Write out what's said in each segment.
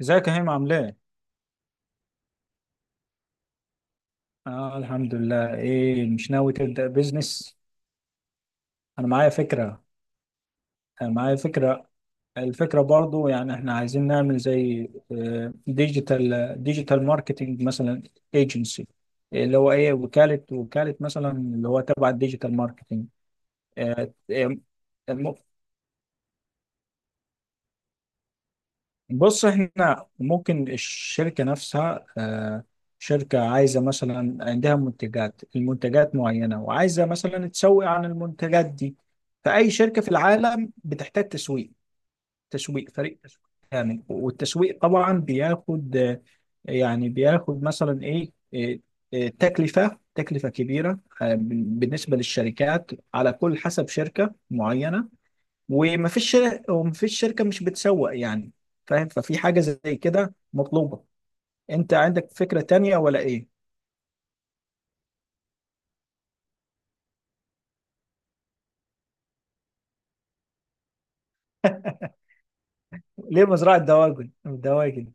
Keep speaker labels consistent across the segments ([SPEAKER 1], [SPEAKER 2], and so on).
[SPEAKER 1] ازيك يا هيم عامل ايه؟ اه، الحمد لله. ايه مش ناوي تبدأ بيزنس؟ انا معايا فكرة. انا معايا فكرة الفكرة برضو يعني احنا عايزين نعمل زي ديجيتال ماركتنج مثلا، ايجنسي، اللي هو ايه وكالة مثلا اللي هو تبع الديجيتال ماركتنج. بص، احنا ممكن الشركة نفسها شركة عايزة مثلا عندها منتجات، المنتجات معينة وعايزة مثلا تسوق عن المنتجات دي. فأي شركة في العالم بتحتاج تسويق، فريق تسويق يعني. والتسويق طبعا بياخد يعني بياخد مثلا ايه، تكلفة تكلفة كبيرة بالنسبة للشركات، على كل حسب شركة معينة. ومفيش شركة مش بتسوق يعني. فاهم؟ ففي حاجة زي كده مطلوبة. انت عندك فكرة تانية ولا ايه؟ ليه مزرعة دواجن؟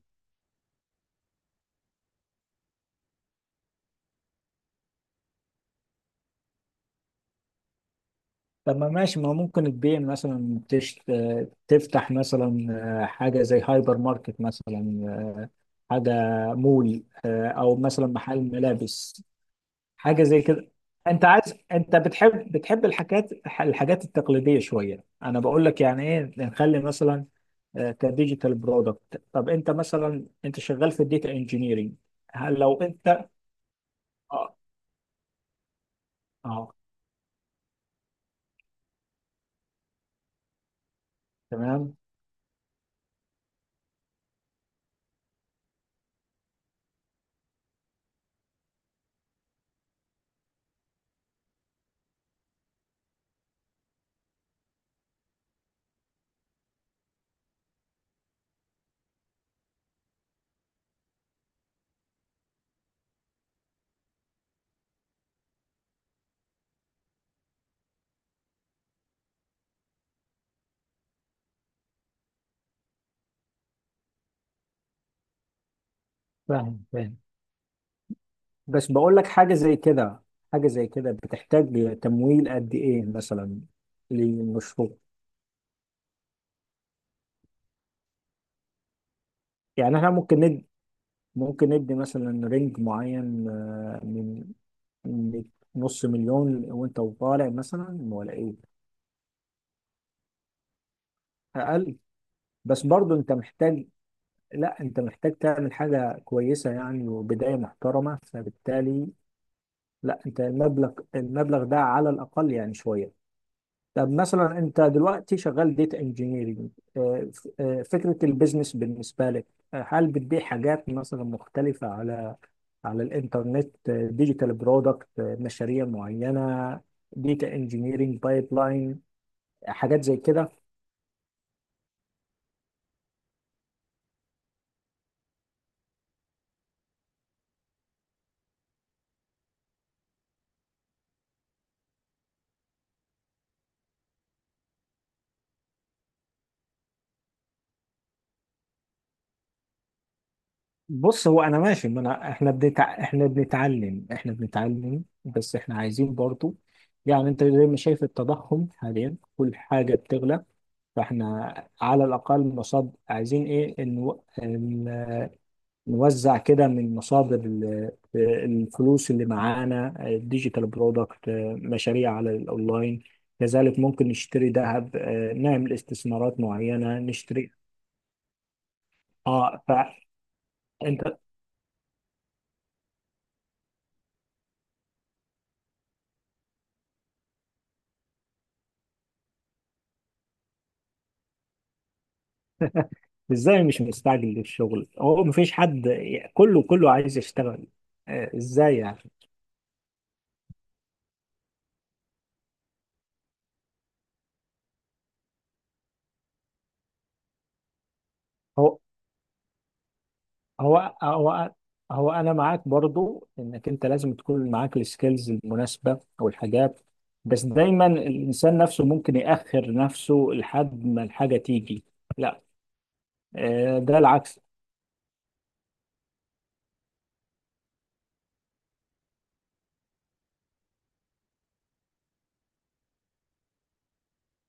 [SPEAKER 1] طب، ما ماشي ما ممكن تبيع مثلا تفتح مثلا حاجة زي هايبر ماركت مثلا، آه، حاجة مول أو مثلا محل ملابس، حاجه زي كده. انت عايز، انت بتحب الحاجات، الحاجات التقليديه شويه. انا بقول لك يعني ايه، نخلي مثلا كديجيتال برودكت. طب انت مثلا، انت شغال في الديتا انجينيرنج، هل لو انت؟ اه. اه، تمام. فاهم فاهم. بس بقول لك حاجه زي كده، حاجه زي كده بتحتاج تمويل قد ايه مثلا للمشروع؟ يعني احنا ممكن ندي، ممكن ندي مثلا رينج معين من من نص مليون وانت وطالع مثلا، ولا ايه؟ اقل؟ بس برضو انت محتاج، لا انت محتاج تعمل حاجة كويسة يعني وبداية محترمة، فبالتالي لا، انت المبلغ ده على الاقل يعني شوية. طب مثلا، انت دلوقتي شغال ديتا انجينيرنج، فكرة البيزنس بالنسبة لك هل بتبيع حاجات مثلا مختلفة على الانترنت ديجيتال برودكت، مشاريع معينه، ديتا انجينيرنج بايب لاين، حاجات زي كده؟ بص، هو انا ماشي، ما انا احنا بنتع... احنا بنتعلم، بس احنا عايزين برضو يعني، انت زي ما شايف التضخم حاليا كل حاجه بتغلى. فاحنا على الاقل مصاد عايزين ايه، ان نوزع كده من مصادر الفلوس اللي معانا، ديجيتال برودكت، مشاريع على الاونلاين. كذلك ممكن نشتري ذهب نعمل استثمارات معينة، نشتري. اه، فانت ازاي مش مستعجل للشغل؟ هو مفيش حد، كله عايز يشتغل. ازاي يعني؟ هو هو هو هو انا معاك برضو انك انت لازم تكون معاك السكيلز المناسبه او الحاجات. بس دايما الانسان نفسه ممكن ياخر نفسه لحد ما الحاجه تيجي. لا، ده العكس.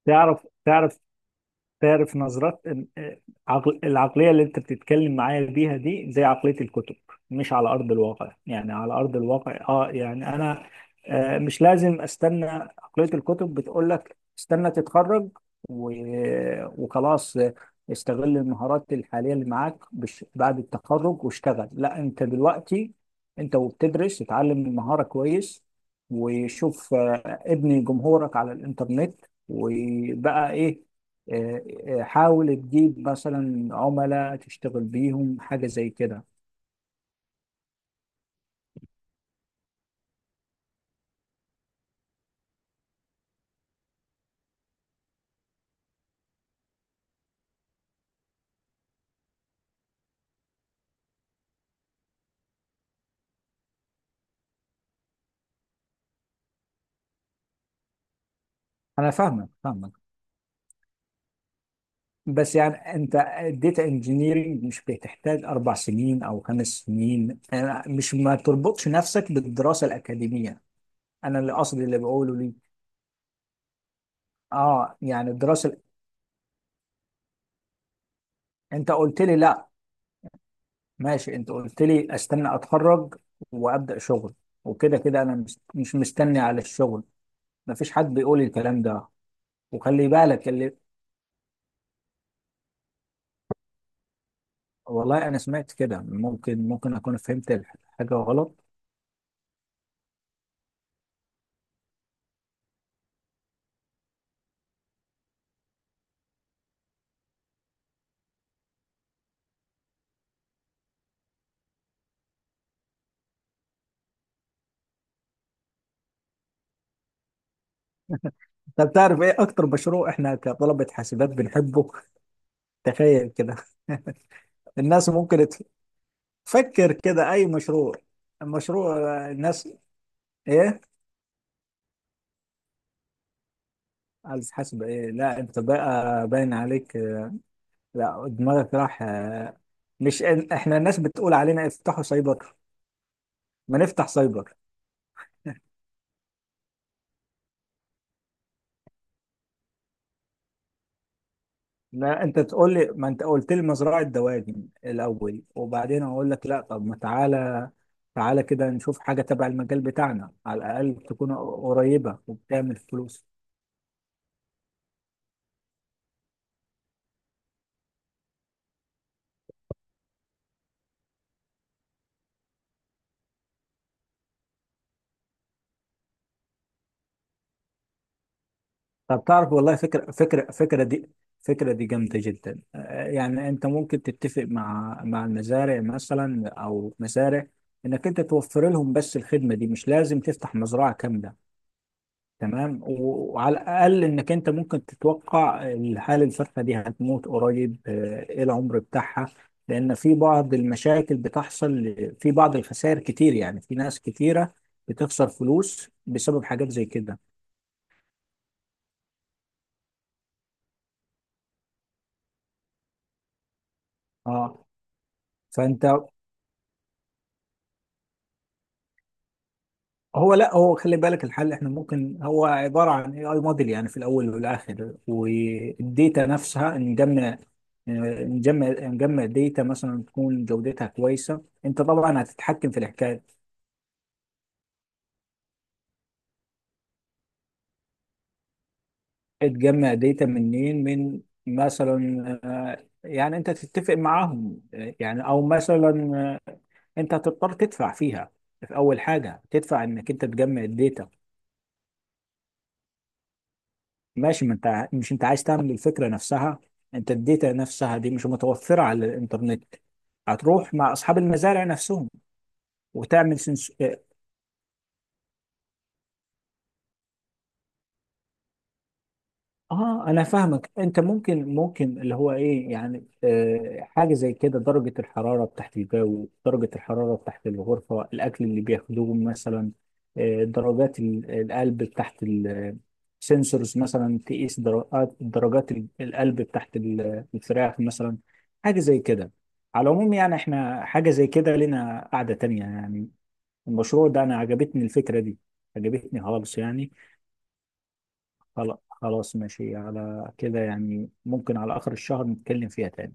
[SPEAKER 1] تعرف تعرف تعرف نظرات، العقلية اللي انت بتتكلم معايا بيها دي زي عقلية الكتب، مش على أرض الواقع. يعني على أرض الواقع اه، يعني أنا مش لازم استنى. عقلية الكتب بتقول لك استنى تتخرج وخلاص، استغل المهارات الحالية اللي معاك بعد التخرج واشتغل. لا، انت دلوقتي انت وبتدرس اتعلم المهارة كويس، وشوف ابني جمهورك على الإنترنت وبقى ايه، آه، حاول تجيب مثلا عملاء تشتغل بيهم حاجة زي كده. أنا فاهمك بس يعني أنت الداتا انجينيرنج مش بتحتاج أربع سنين أو خمس سنين. أنا مش، ما تربطش نفسك بالدراسة الأكاديمية. أنا اللي قصدي اللي بقوله ليه، آه يعني الدراسة. أنت قلت لي لا، ماشي، أنت قلت لي أستنى أتخرج وأبدأ شغل، وكده كده أنا مش مستني على الشغل. مفيش حد بيقول الكلام ده. وخلي بالك اللي، والله انا سمعت كده، ممكن اكون فهمت الحاجه غلط. انت بتعرف ايه اكتر مشروع احنا كطلبه حاسبات بنحبه؟ تخيل كده، الناس ممكن تفكر كده اي مشروع المشروع؟ الناس ايه، على حسب ايه؟ لا، انت بقى باين عليك، لا، دماغك راح. مش إن- احنا الناس بتقول علينا افتحوا سايبر، ما نفتح سايبر. لا، انت تقول لي، ما انت قلت لي مزرعه دواجن الاول وبعدين اقول لك لا، طب ما تعالى، تعالى كده نشوف حاجة تبع المجال بتاعنا على الأقل تكون قريبة وبتعمل فلوس. طب تعرف، والله فكرة دي، فكرة دي جامدة جدا. يعني أنت ممكن تتفق مع المزارع مثلا أو مزارع، إنك أنت توفر لهم بس الخدمة دي، مش لازم تفتح مزرعة كاملة. تمام، وعلى الاقل انك انت ممكن تتوقع الحاله، الفرخه دي هتموت قريب ايه العمر بتاعها. لان في بعض المشاكل بتحصل، في بعض الخسائر كتير يعني، في ناس كتيره بتخسر فلوس بسبب حاجات زي كده. اه، فانت هو، لا هو خلي بالك، الحل احنا ممكن هو عباره عن اي موديل يعني في الاول والاخر، والديتا نفسها نجمع، آه، نجمع ديتا مثلا تكون جودتها كويسه، انت طبعا هتتحكم في الحكايه. تجمع داتا منين؟ من مثلا يعني انت تتفق معاهم يعني او مثلا آه، انت هتضطر تدفع فيها، في اول حاجه تدفع انك انت تجمع الداتا. ماشي، ما انت ع- مش انت عايز تعمل الفكره نفسها؟ انت الداتا نفسها دي مش متوفره على الانترنت، هتروح مع اصحاب المزارع نفسهم وتعمل. اه، انا فاهمك، انت ممكن اللي هو ايه يعني، آه حاجه زي كده، درجه الحراره بتاعت الجو، درجه الحراره بتاعت الغرفه، الاكل اللي بياخدوه مثلا، آه درجات القلب بتاعت، السنسورز مثلا تقيس درجات القلب بتاعت الفراخ مثلا، حاجه زي كده. على العموم يعني احنا حاجه زي كده لنا قاعده تانية يعني. المشروع ده انا عجبتني الفكره دي، عجبتني خالص يعني. خلاص، ماشي على كده يعني. ممكن على آخر الشهر نتكلم فيها تاني.